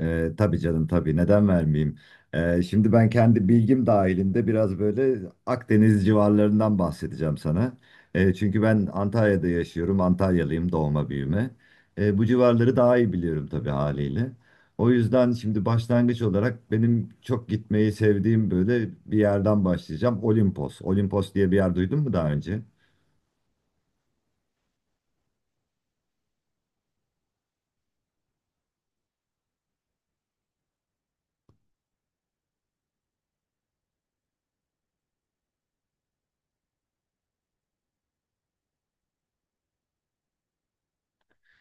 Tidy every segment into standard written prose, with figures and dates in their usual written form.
Tabii canım tabii neden vermeyeyim? Şimdi ben kendi bilgim dahilinde biraz böyle Akdeniz civarlarından bahsedeceğim sana. Çünkü ben Antalya'da yaşıyorum. Antalyalıyım doğma büyüme. Bu civarları daha iyi biliyorum tabii haliyle. O yüzden şimdi başlangıç olarak benim çok gitmeyi sevdiğim böyle bir yerden başlayacağım. Olimpos. Olimpos diye bir yer duydun mu daha önce?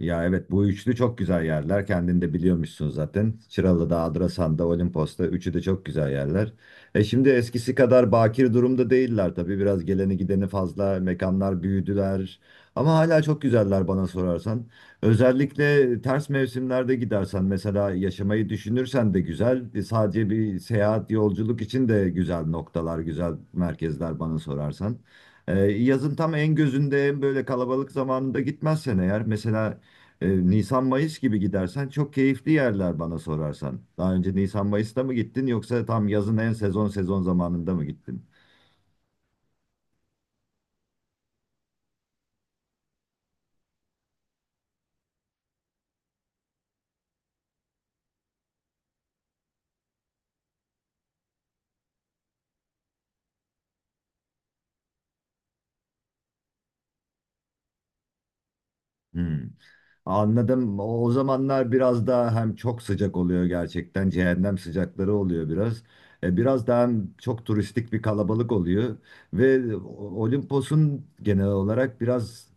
Ya evet, bu üçlü çok güzel yerler. Kendin de biliyormuşsun zaten. Çıralı'da, Adrasan'da, Olimpos'ta üçü de çok güzel yerler. Şimdi eskisi kadar bakir durumda değiller tabii. Biraz geleni gideni fazla, mekanlar büyüdüler. Ama hala çok güzeller bana sorarsan. Özellikle ters mevsimlerde gidersen mesela yaşamayı düşünürsen de güzel. Sadece bir seyahat, yolculuk için de güzel noktalar, güzel merkezler bana sorarsan. Yazın tam en gözünde en böyle kalabalık zamanında gitmezsen eğer mesela Nisan-Mayıs gibi gidersen çok keyifli yerler bana sorarsan. Daha önce Nisan-Mayıs'ta mı gittin yoksa tam yazın en sezon sezon zamanında mı gittin? Hmm. Anladım. O zamanlar biraz daha hem çok sıcak oluyor gerçekten. Cehennem sıcakları oluyor biraz. Biraz daha hem çok turistik bir kalabalık oluyor. Ve o- Olimpos'un genel olarak biraz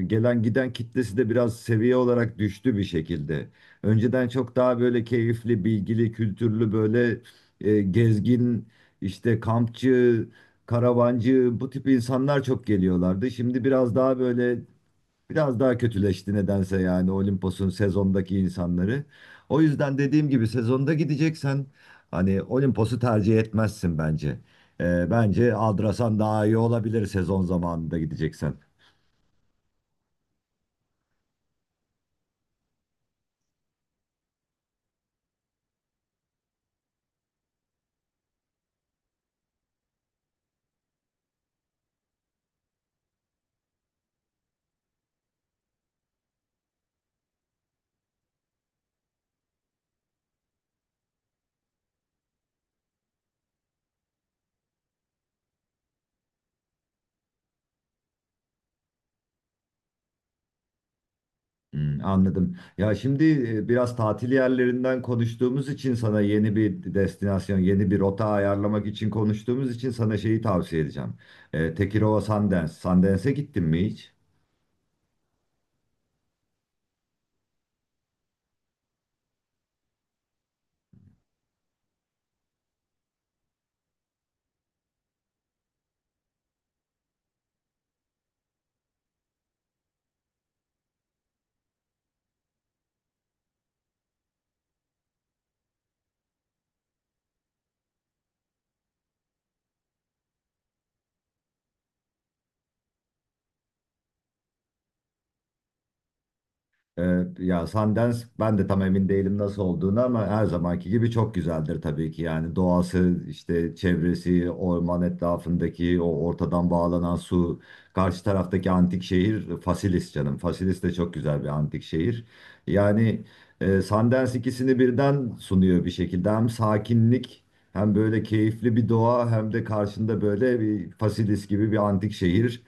gelen giden kitlesi de biraz seviye olarak düştü bir şekilde. Önceden çok daha böyle keyifli, bilgili, kültürlü böyle gezgin, işte kampçı, karavancı bu tip insanlar çok geliyorlardı. Şimdi biraz daha böyle biraz daha kötüleşti nedense yani Olimpos'un sezondaki insanları. O yüzden dediğim gibi sezonda gideceksen hani Olimpos'u tercih etmezsin bence. Bence Adrasan daha iyi olabilir sezon zamanında gideceksen. Hmm, anladım. Ya şimdi biraz tatil yerlerinden konuştuğumuz için sana yeni bir destinasyon, yeni bir rota ayarlamak için konuştuğumuz için sana şeyi tavsiye edeceğim. Tekirova Sundance. Sundance'e gittin mi hiç? Ya Sundance ben de tam emin değilim nasıl olduğunu ama her zamanki gibi çok güzeldir tabii ki. Yani doğası, işte çevresi, orman etrafındaki o ortadan bağlanan su, karşı taraftaki antik şehir Fasilis canım. Fasilis de çok güzel bir antik şehir. Yani Sundance ikisini birden sunuyor bir şekilde. Hem sakinlik hem böyle keyifli bir doğa hem de karşında böyle bir Fasilis gibi bir antik şehir.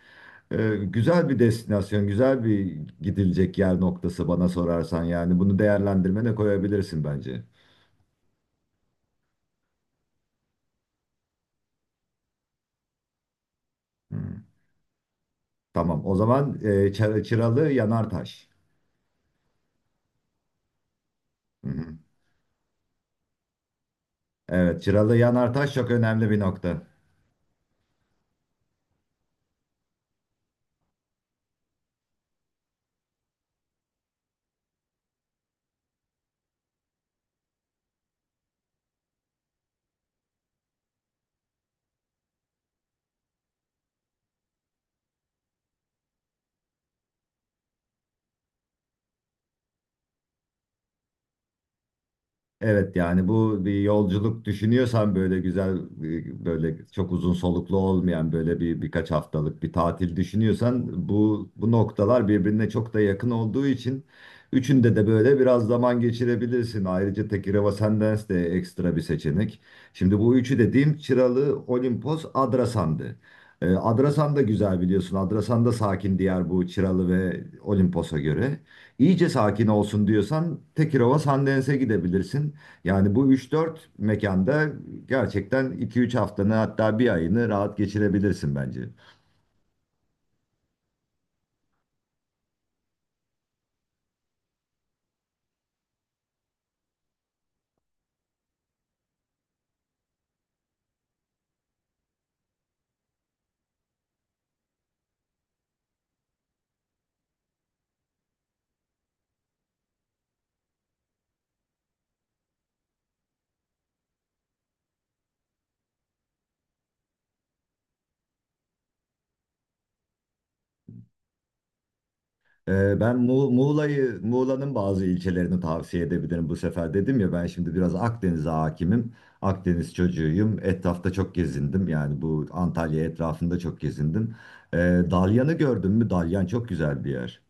Güzel bir destinasyon, güzel bir gidilecek yer noktası bana sorarsan yani bunu değerlendirmene koyabilirsin bence. Hı. Tamam, o zaman Çıralı Yanartaş. Hı hı. Evet, Çıralı Yanartaş çok önemli bir nokta. Evet yani bu bir yolculuk düşünüyorsan böyle güzel böyle çok uzun soluklu olmayan böyle bir birkaç haftalık bir tatil düşünüyorsan bu noktalar birbirine çok da yakın olduğu için üçünde de böyle biraz zaman geçirebilirsin. Ayrıca Tekireva Sendens de ekstra bir seçenek. Şimdi bu üçü dediğim Çıralı, Olimpos, Adrasan'dı. E, Adrasan da güzel biliyorsun. Adrasan da sakin diğer bu Çıralı ve Olimpos'a göre. İyice sakin olsun diyorsan Tekirova Sandens'e gidebilirsin. Yani bu üç dört mekanda gerçekten 2-3 haftanı hatta bir ayını rahat geçirebilirsin bence. Ben Muğla'yı, Muğla'nın bazı ilçelerini tavsiye edebilirim bu sefer. Dedim ya ben şimdi biraz Akdeniz'e hakimim. Akdeniz çocuğuyum. Etrafta çok gezindim. Yani bu Antalya etrafında çok gezindim. Ee, Dalyan'ı gördün mü? Dalyan çok güzel bir yer.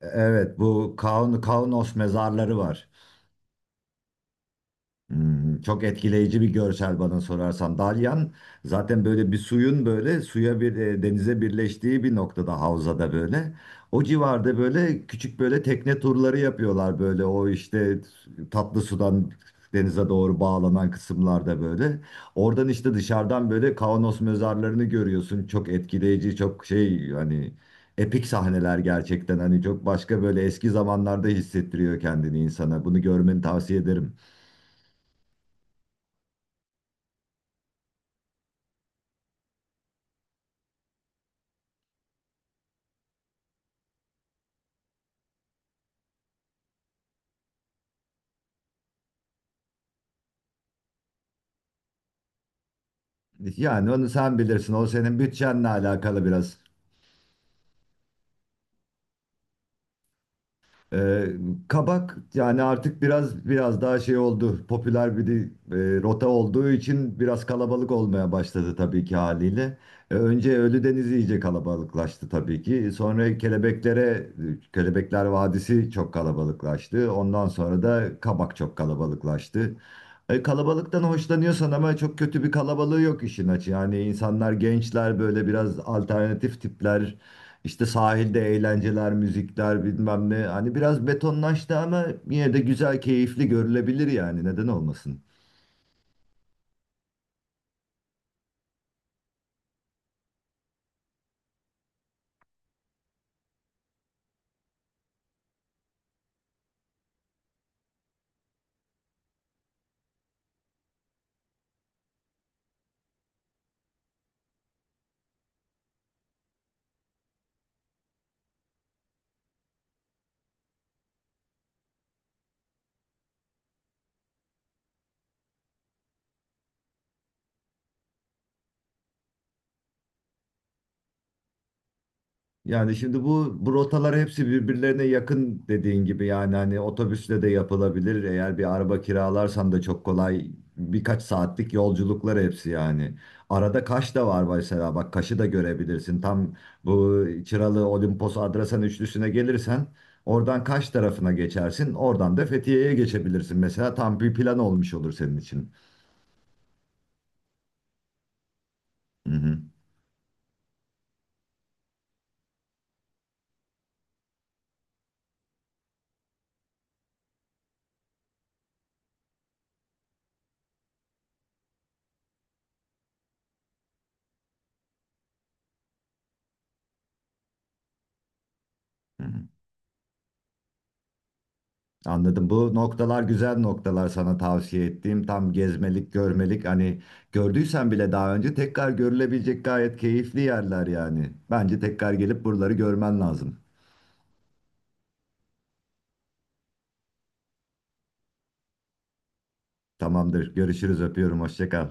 Evet, bu Kaun, Kaunos mezarları var. Hmm, çok etkileyici bir görsel bana sorarsan. Dalyan zaten böyle bir suyun böyle suya bir denize birleştiği bir noktada havzada böyle. O civarda böyle küçük böyle tekne turları yapıyorlar böyle o işte tatlı sudan denize doğru bağlanan kısımlarda böyle. Oradan işte dışarıdan böyle Kaunos mezarlarını görüyorsun. Çok etkileyici, çok şey hani epik sahneler gerçekten hani çok başka böyle eski zamanlarda hissettiriyor kendini insana. Bunu görmeni tavsiye ederim. Yani onu sen bilirsin. O senin bütçenle alakalı biraz. Ee, kabak yani artık biraz biraz daha şey oldu. Popüler bir rota olduğu için biraz kalabalık olmaya başladı tabii ki haliyle. Önce Ölüdeniz iyice kalabalıklaştı tabii ki. Sonra Kelebekler Vadisi çok kalabalıklaştı. Ondan sonra da kabak çok kalabalıklaştı. Kalabalıktan hoşlanıyorsan ama çok kötü bir kalabalığı yok işin açığı. Yani insanlar gençler böyle biraz alternatif tipler, İşte sahilde eğlenceler, müzikler bilmem ne. Hani biraz betonlaştı ama yine de güzel, keyifli görülebilir yani. Neden olmasın? Yani şimdi bu rotalar hepsi birbirlerine yakın dediğin gibi yani hani otobüsle de yapılabilir. Eğer bir araba kiralarsan da çok kolay, birkaç saatlik yolculuklar hepsi yani. Arada Kaş da var mesela, bak Kaş'ı da görebilirsin. Tam bu Çıralı Olimpos Adrasan üçlüsüne gelirsen oradan Kaş tarafına geçersin. Oradan da Fethiye'ye geçebilirsin mesela, tam bir plan olmuş olur senin için. Hı hı. Hı hı. Anladım. Bu noktalar güzel noktalar sana tavsiye ettiğim. Tam gezmelik, görmelik. Hani gördüysen bile daha önce tekrar görülebilecek gayet keyifli yerler yani. Bence tekrar gelip buraları görmen lazım. Tamamdır. Görüşürüz. Öpüyorum. Hoşça kal.